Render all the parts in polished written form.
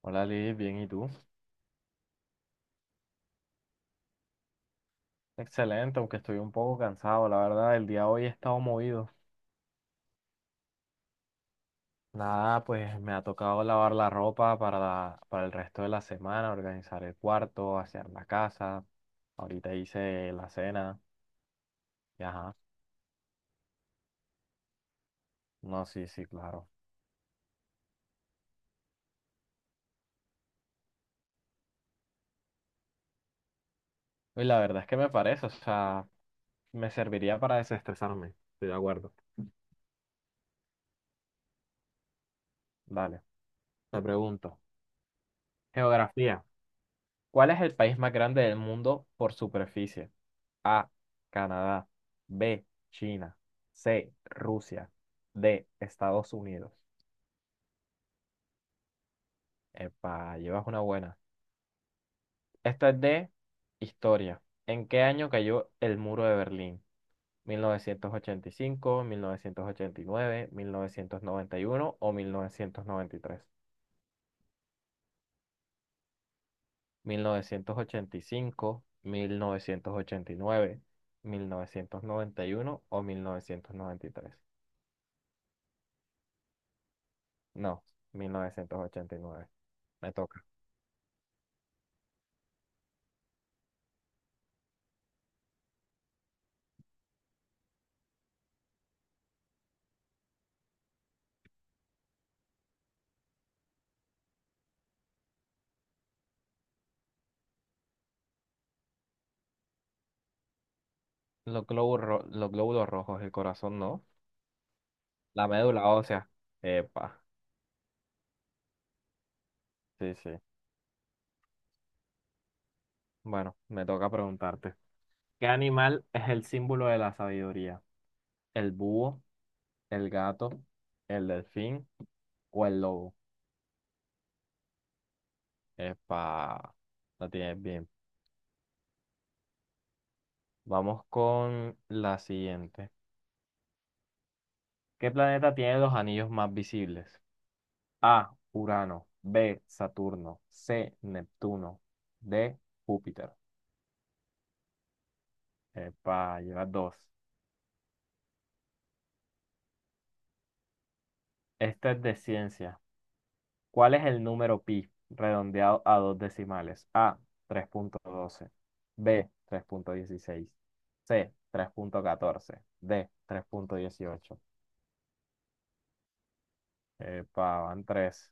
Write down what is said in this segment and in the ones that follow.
Hola Liz, bien, ¿y tú? Excelente, aunque estoy un poco cansado, la verdad, el día de hoy he estado movido. Nada, pues me ha tocado lavar la ropa para el resto de la semana, organizar el cuarto, hacer la casa. Ahorita hice la cena, y ajá. No, sí, sí, claro. Y la verdad es que me parece, o sea, me serviría para desestresarme. Estoy de acuerdo. Dale, te pregunto. Geografía. ¿Cuál es el país más grande del mundo por superficie? A, Canadá. B, China. C, Rusia. D, Estados Unidos. Epa, llevas una buena. Esta es de historia. ¿En qué año cayó el muro de Berlín? Mil novecientos ochenta ochenta y cinco, nueve, mil novecientos noventa y uno o mil Mil mil mil novecientos novecientos novecientos noventa y tres? ochenta y cinco, mil novecientos ochenta y nueve, mil novecientos noventa y uno o 1993? No, 1989. Me toca. Los glóbulos rojos, el corazón no. La médula ósea. Epa. Sí, sí. Bueno, me toca preguntarte. ¿Qué animal es el símbolo de la sabiduría? ¿El búho, el gato, el delfín o el lobo? Epa. La tienes bien. Vamos con la siguiente. ¿Qué planeta tiene los anillos más visibles? A. Urano. B. Saturno. C. Neptuno. D. Júpiter. Epa, llevas dos. Esta es de ciencia. ¿Cuál es el número pi redondeado a dos decimales? A, 3.12. B, 3.16. C, 3.14. D, 3.18. Epa, van tres.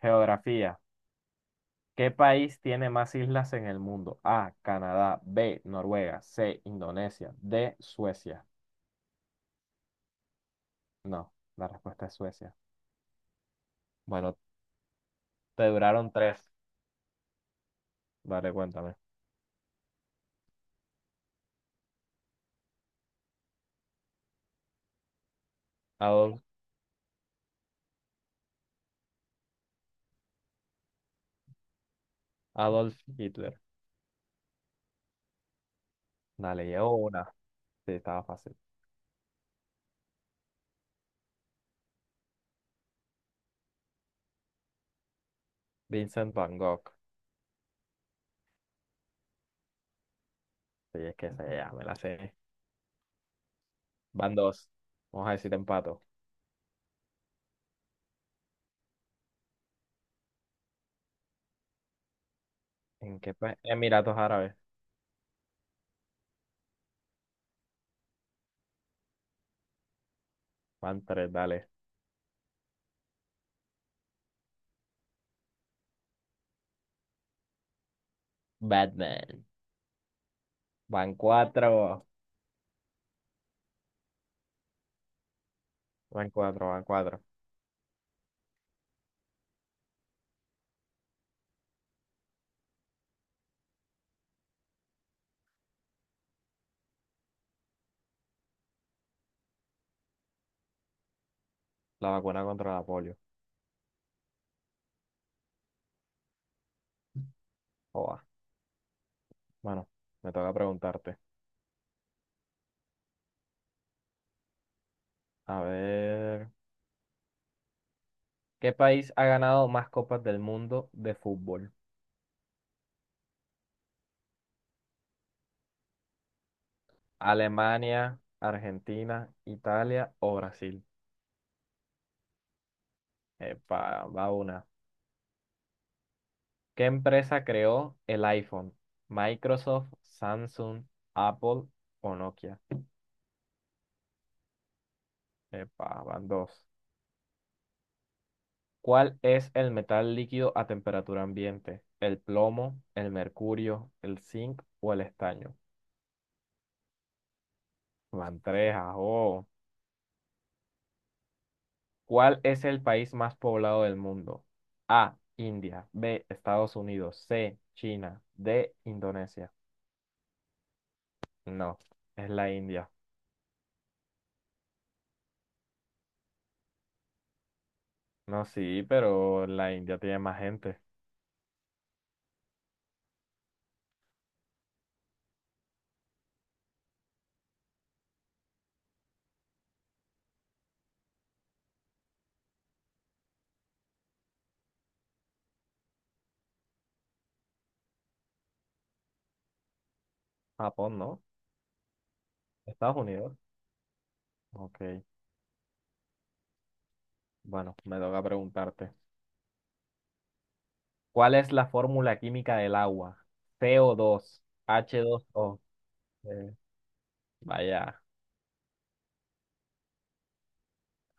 Geografía. ¿Qué país tiene más islas en el mundo? A, Canadá. B, Noruega. C, Indonesia. D, Suecia. No, la respuesta es Suecia. Bueno, te duraron tres. Dale, cuéntame. Adolf, Adolf Hitler. Dale, llevo una. Sí, estaba fácil. Vincent Van Gogh. Sí, es que se ya me la sé. Van dos. Vamos a decir empato. ¿En qué país? Emiratos Árabes. Van tres, dale. Batman. Van cuatro. Van cuatro, van cuatro. La vacuna contra la polio. Joa. Bueno, me toca preguntarte. A ver. ¿Qué país ha ganado más copas del mundo de fútbol? ¿Alemania, Argentina, Italia o Brasil? Epa, va una. ¿Qué empresa creó el iPhone? ¿Microsoft, Samsung, Apple o Nokia? Epa, van dos. ¿Cuál es el metal líquido a temperatura ambiente? ¿El plomo, el mercurio, el zinc o el estaño? Van tres, ajo. ¿Cuál es el país más poblado del mundo? A, India, B, Estados Unidos, C, China, D, Indonesia. No, es la India. No, sí, pero la India tiene más gente. Japón, ¿no? Estados Unidos. Ok, bueno, me toca preguntarte. ¿Cuál es la fórmula química del agua? Co dos h dos o. Eh, Vaya,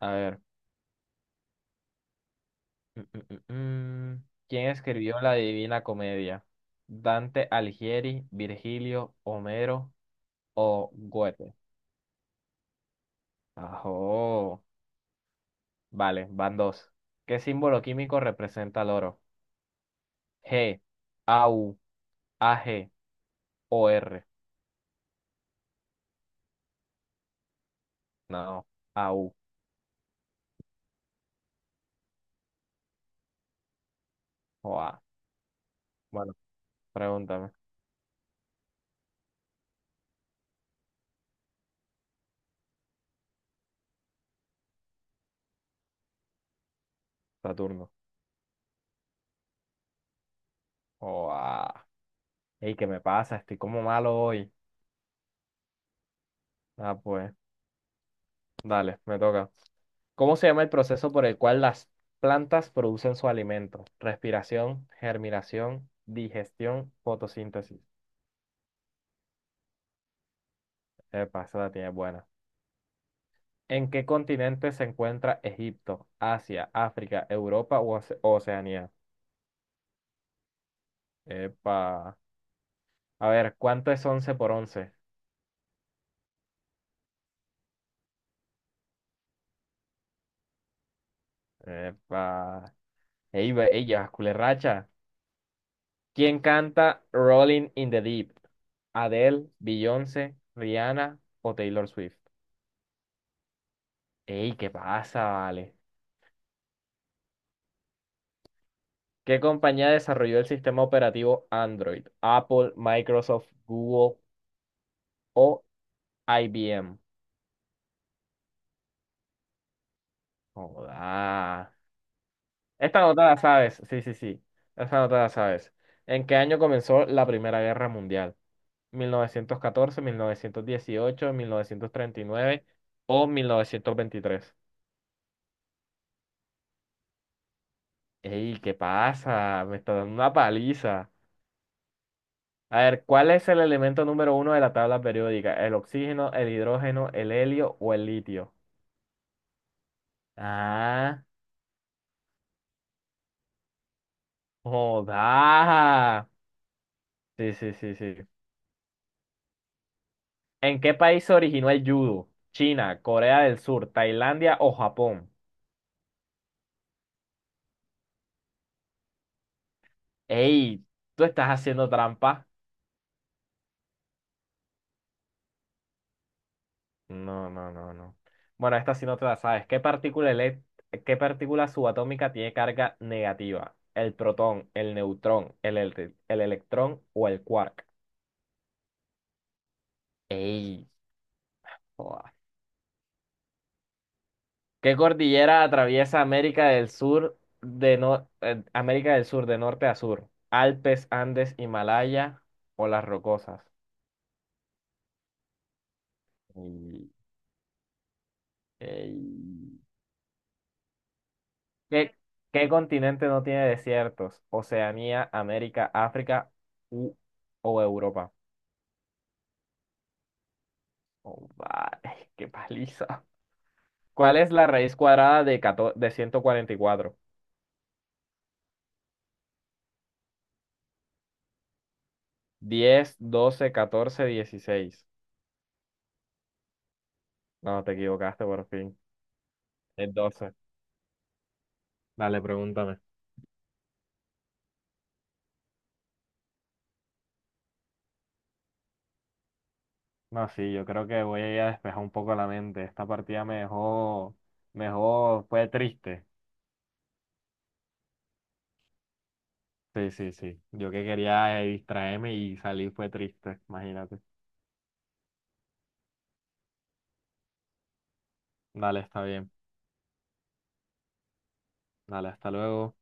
a ver. Mm. ¿Quién escribió la Divina Comedia? ¿Dante Alighieri, Virgilio, Homero o Goethe? Ajo. Vale, van dos. ¿Qué símbolo químico representa el oro? G, AU, AG o R. No, AU o A. Bueno, pregúntame, Saturno. Oh, ah. Ey, ¿qué me pasa? Estoy como malo hoy. Ah, pues, dale, me toca. ¿Cómo se llama el proceso por el cual las plantas producen su alimento? Respiración, germinación, digestión, fotosíntesis. Epa, esa la tiene buena. ¿En qué continente se encuentra Egipto, Asia, África, Europa o Oceanía? Epa. A ver, ¿cuánto es 11 por 11? Epa. Ey, ey, llevas culerracha. ¿Quién canta Rolling in the Deep? ¿Adele, Beyoncé, Rihanna o Taylor Swift? ¡Ey, qué pasa, vale! ¿Qué compañía desarrolló el sistema operativo Android? ¿Apple, Microsoft, Google o IBM? Joda. Esta nota la sabes. Sí, sí, sí. Esta nota la sabes. ¿En qué año comenzó la Primera Guerra Mundial? Mil novecientos catorce, dieciocho, treinta y nueve o 1923? Ey, ¿qué pasa? Me está dando una paliza. A ver, ¿cuál es el elemento número uno de la tabla periódica? ¿El oxígeno, el hidrógeno, el helio o el litio? Ah, joda. Sí, sí, sí, sí. ¿En qué país se originó el judo? ¿China, Corea del Sur, Tailandia o Japón? Ey, tú estás haciendo trampa. No, no, no, no. Bueno, esta sí no te la sabes. ¿Qué partícula subatómica tiene carga negativa? ¿El protón, el neutrón, el electrón o el quark? ¡Ey! Joda. ¿Qué cordillera atraviesa América del Sur de norte a sur? ¿Alpes, Andes, Himalaya o las Rocosas? Ey, ey. ¿Qué, qué continente no tiene desiertos? Oceanía, América, África u, o Europa. Oh, vale, qué paliza. ¿Cuál es la raíz cuadrada de 144? 10, 12, 14, 16. No, te equivocaste por fin. Es 12. Dale, pregúntame. No, sí, yo creo que voy a ir a despejar un poco la mente. Esta partida me dejó, fue triste. Sí, sí, sí. Yo que quería distraerme y salir fue triste, imagínate. Dale, está bien. Dale, hasta luego.